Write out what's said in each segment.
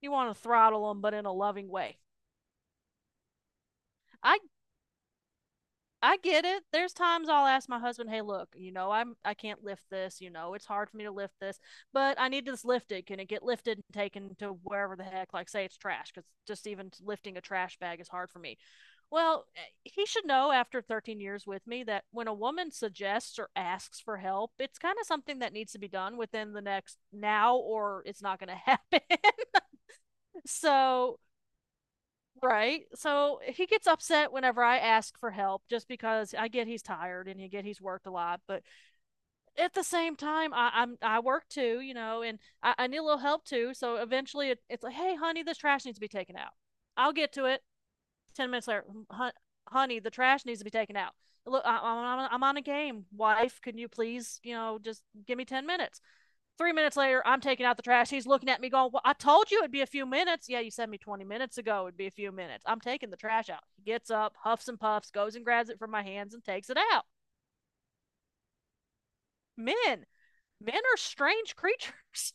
You want to throttle them, but in a loving way. I I get it. There's times I'll ask my husband, "Hey, look, you know, I can't lift this. You know, it's hard for me to lift this, but I need to just lift it. Can it get lifted and taken to wherever the heck? Like, say it's trash, because just even lifting a trash bag is hard for me." Well, he should know after 13 years with me that when a woman suggests or asks for help, it's kind of something that needs to be done within the next now or it's not going to happen. so Right. So he gets upset whenever I ask for help just because I get he's tired and you get he's worked a lot. But at the same time, I work too, you know, and I need a little help too. So eventually it's like, hey, honey, this trash needs to be taken out. I'll get to it. 10 minutes later, "Hon- honey, the trash needs to be taken out. Look, I'm on a game. Wife, can you please, just give me 10 minutes? 3 minutes later, I'm taking out the trash. He's looking at me going, "Well, I told you it'd be a few minutes." Yeah, you said me 20 minutes ago it'd be a few minutes. I'm taking the trash out. He gets up, huffs and puffs, goes and grabs it from my hands and takes it out. Men, Men are strange creatures.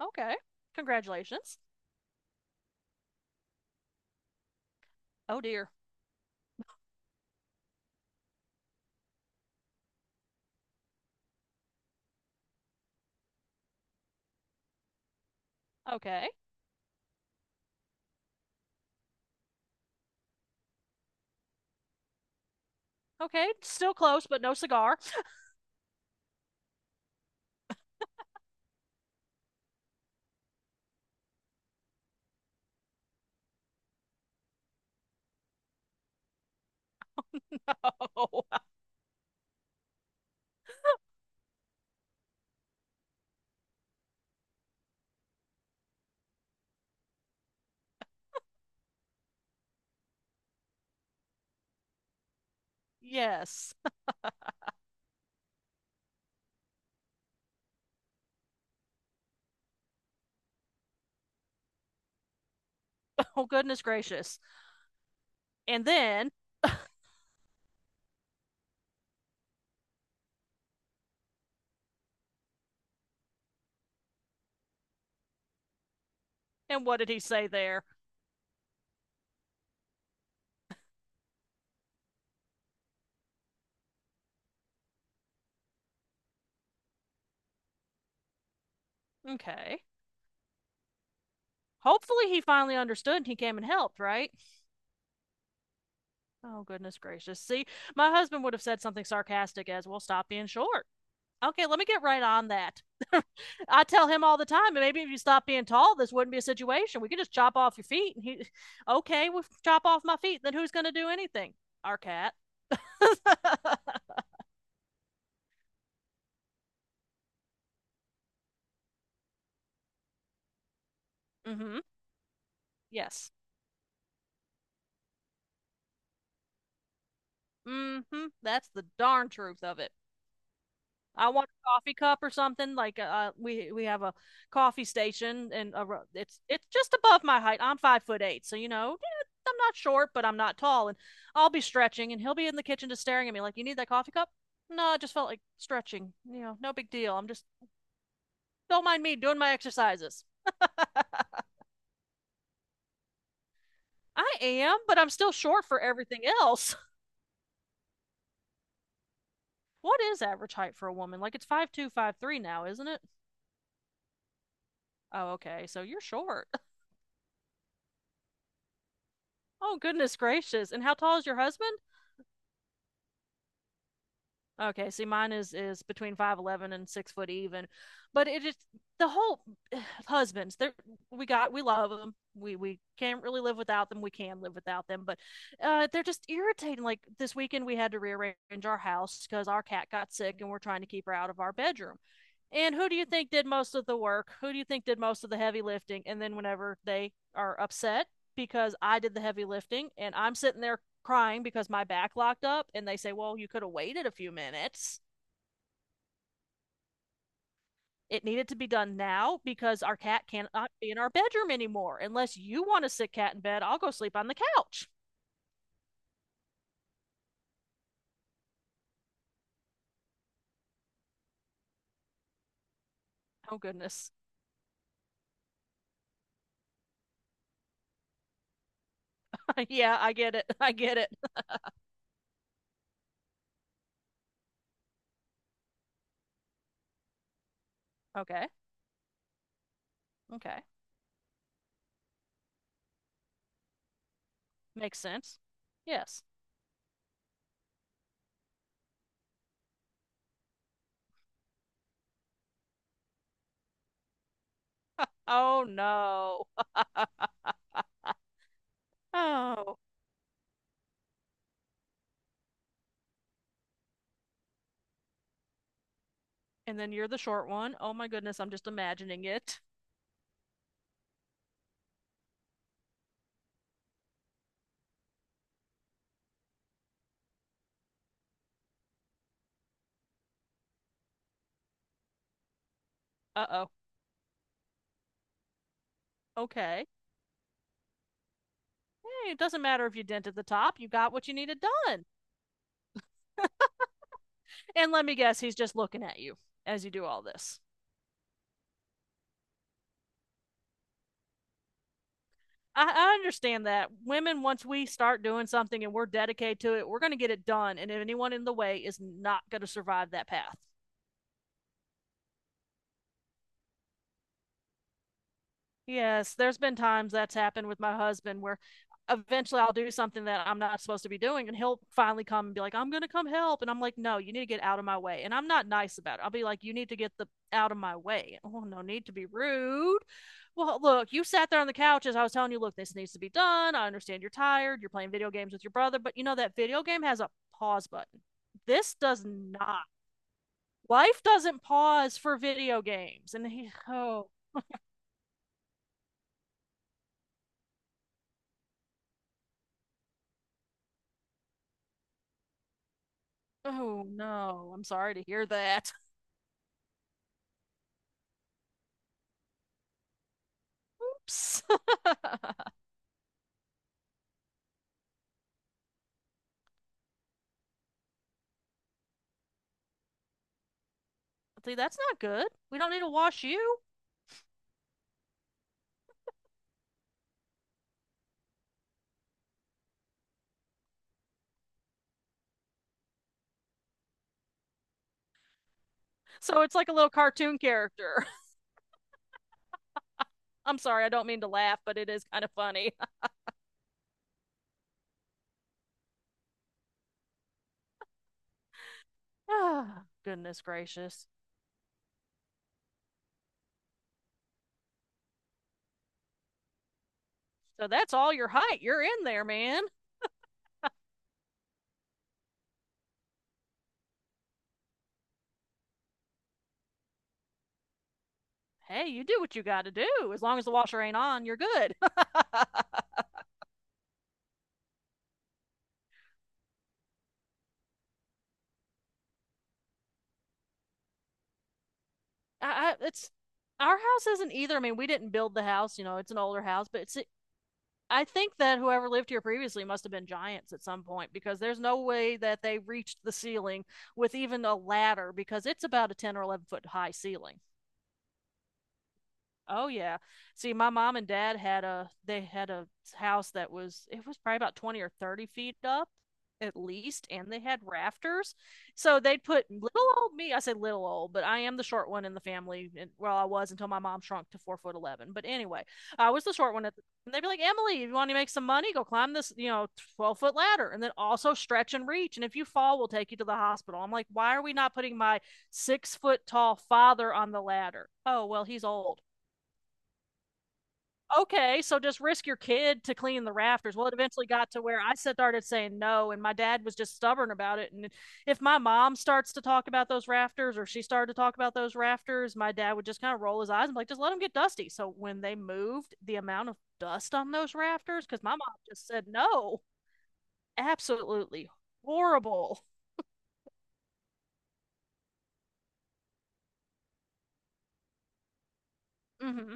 Okay. Congratulations. Oh dear. Okay. Okay. Still close, but no cigar. Oh, yes. Oh, goodness gracious. And then, and what did he say there? Okay. Hopefully he finally understood and he came and helped, right? Oh, goodness gracious. See, my husband would have said something sarcastic as, well, stop being short. Okay, let me get right on that. I tell him all the time, maybe if you stop being tall, this wouldn't be a situation. We could just chop off your feet. And he, okay, we'll chop off my feet. Then who's going to do anything? Our cat. Mm hmm. Yes. Mm hmm. That's the darn truth of it. I want a coffee cup or something. Like we have a coffee station, and it's just above my height. I'm 5 foot eight, so you know, yeah, I'm not short, but I'm not tall, and I'll be stretching, and he'll be in the kitchen just staring at me like, "You need that coffee cup?" No, I just felt like stretching. You know, no big deal. I'm just Don't mind me doing my exercises. I am, but I'm still short for everything else. What is average height for a woman? Like it's 5'2", 5'3" now, isn't it? Oh, okay. So you're short. Oh, goodness gracious. And how tall is your husband? Okay, see, mine is between 5'11" and 6 foot even, but it is the whole husbands. They're we love them. We can't really live without them. We can live without them, but they're just irritating. Like this weekend, we had to rearrange our house because our cat got sick, and we're trying to keep her out of our bedroom. And who do you think did most of the work? Who do you think did most of the heavy lifting? And then whenever they are upset because I did the heavy lifting and I'm sitting there crying because my back locked up and they say, "Well, you could have waited a few minutes." It needed to be done now because our cat cannot be in our bedroom anymore. Unless you want to sit cat in bed, I'll go sleep on the couch. Oh goodness. Yeah, I get it. I get it. Okay. Okay. Makes sense. Yes. Oh no. Oh. And then you're the short one. Oh my goodness, I'm just imagining it. Uh oh. Okay. Hey, it doesn't matter if you dent at the top, you got what you needed done. And let me guess, he's just looking at you as you do all this. I understand that women, once we start doing something and we're dedicated to it, we're going to get it done. And anyone in the way is not going to survive that path. Yes, there's been times that's happened with my husband where eventually I'll do something that I'm not supposed to be doing, and he'll finally come and be like, I'm going to come help. And I'm like, no, you need to get out of my way. And I'm not nice about it. I'll be like, you need to get the out of my way. Oh, no need to be rude. Well, look, you sat there on the couch as I was telling you, look, this needs to be done. I understand you're tired. You're playing video games with your brother, but you know that video game has a pause button. This does not. Life doesn't pause for video games. And he, oh, oh no, I'm sorry to hear that. Oops. See, that's not good. We don't need to wash you. So it's like a little cartoon character. I'm sorry, I don't mean to laugh, but it is kind of funny. Ah, goodness gracious. So that's all your height. You're in there, man. Hey, you do what you got to do. As long as the washer ain't on, you're good. I, it's our house isn't either. I mean, we didn't build the house, you know, it's an older house, but it's I think that whoever lived here previously must have been giants at some point because there's no way that they reached the ceiling with even a ladder because it's about a 10 or 11-foot high ceiling. Oh yeah. See, my mom and dad had a they had a house that was it was probably about 20 or 30 feet up at least and they had rafters. So they'd put little old me, I say little old, but I am the short one in the family and well I was until my mom shrunk to 4 foot 11. But anyway, I was the short one at the, and they'd be like, "Emily, if you want to make some money, go climb this, you know, 12-foot ladder and then also stretch and reach and if you fall, we'll take you to the hospital." I'm like, "Why are we not putting my 6-foot tall father on the ladder?" Oh, well, he's old, okay, so just risk your kid to clean the rafters. Well, it eventually got to where I started saying no, and my dad was just stubborn about it. And if my mom starts to talk about those rafters or she started to talk about those rafters, my dad would just kind of roll his eyes and be like, just let them get dusty. So when they moved, the amount of dust on those rafters, because my mom just said no, absolutely horrible. Mm-hmm.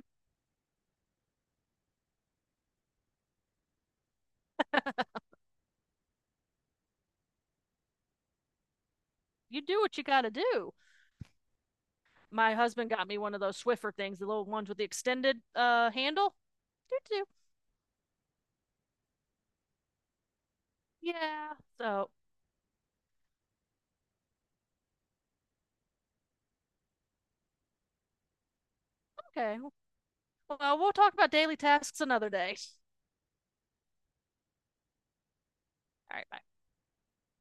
You do what you got to do. My husband got me one of those Swiffer things, the little ones with the extended handle. Doo-doo. Yeah. So okay. Well, we'll talk about daily tasks another day. All right, bye.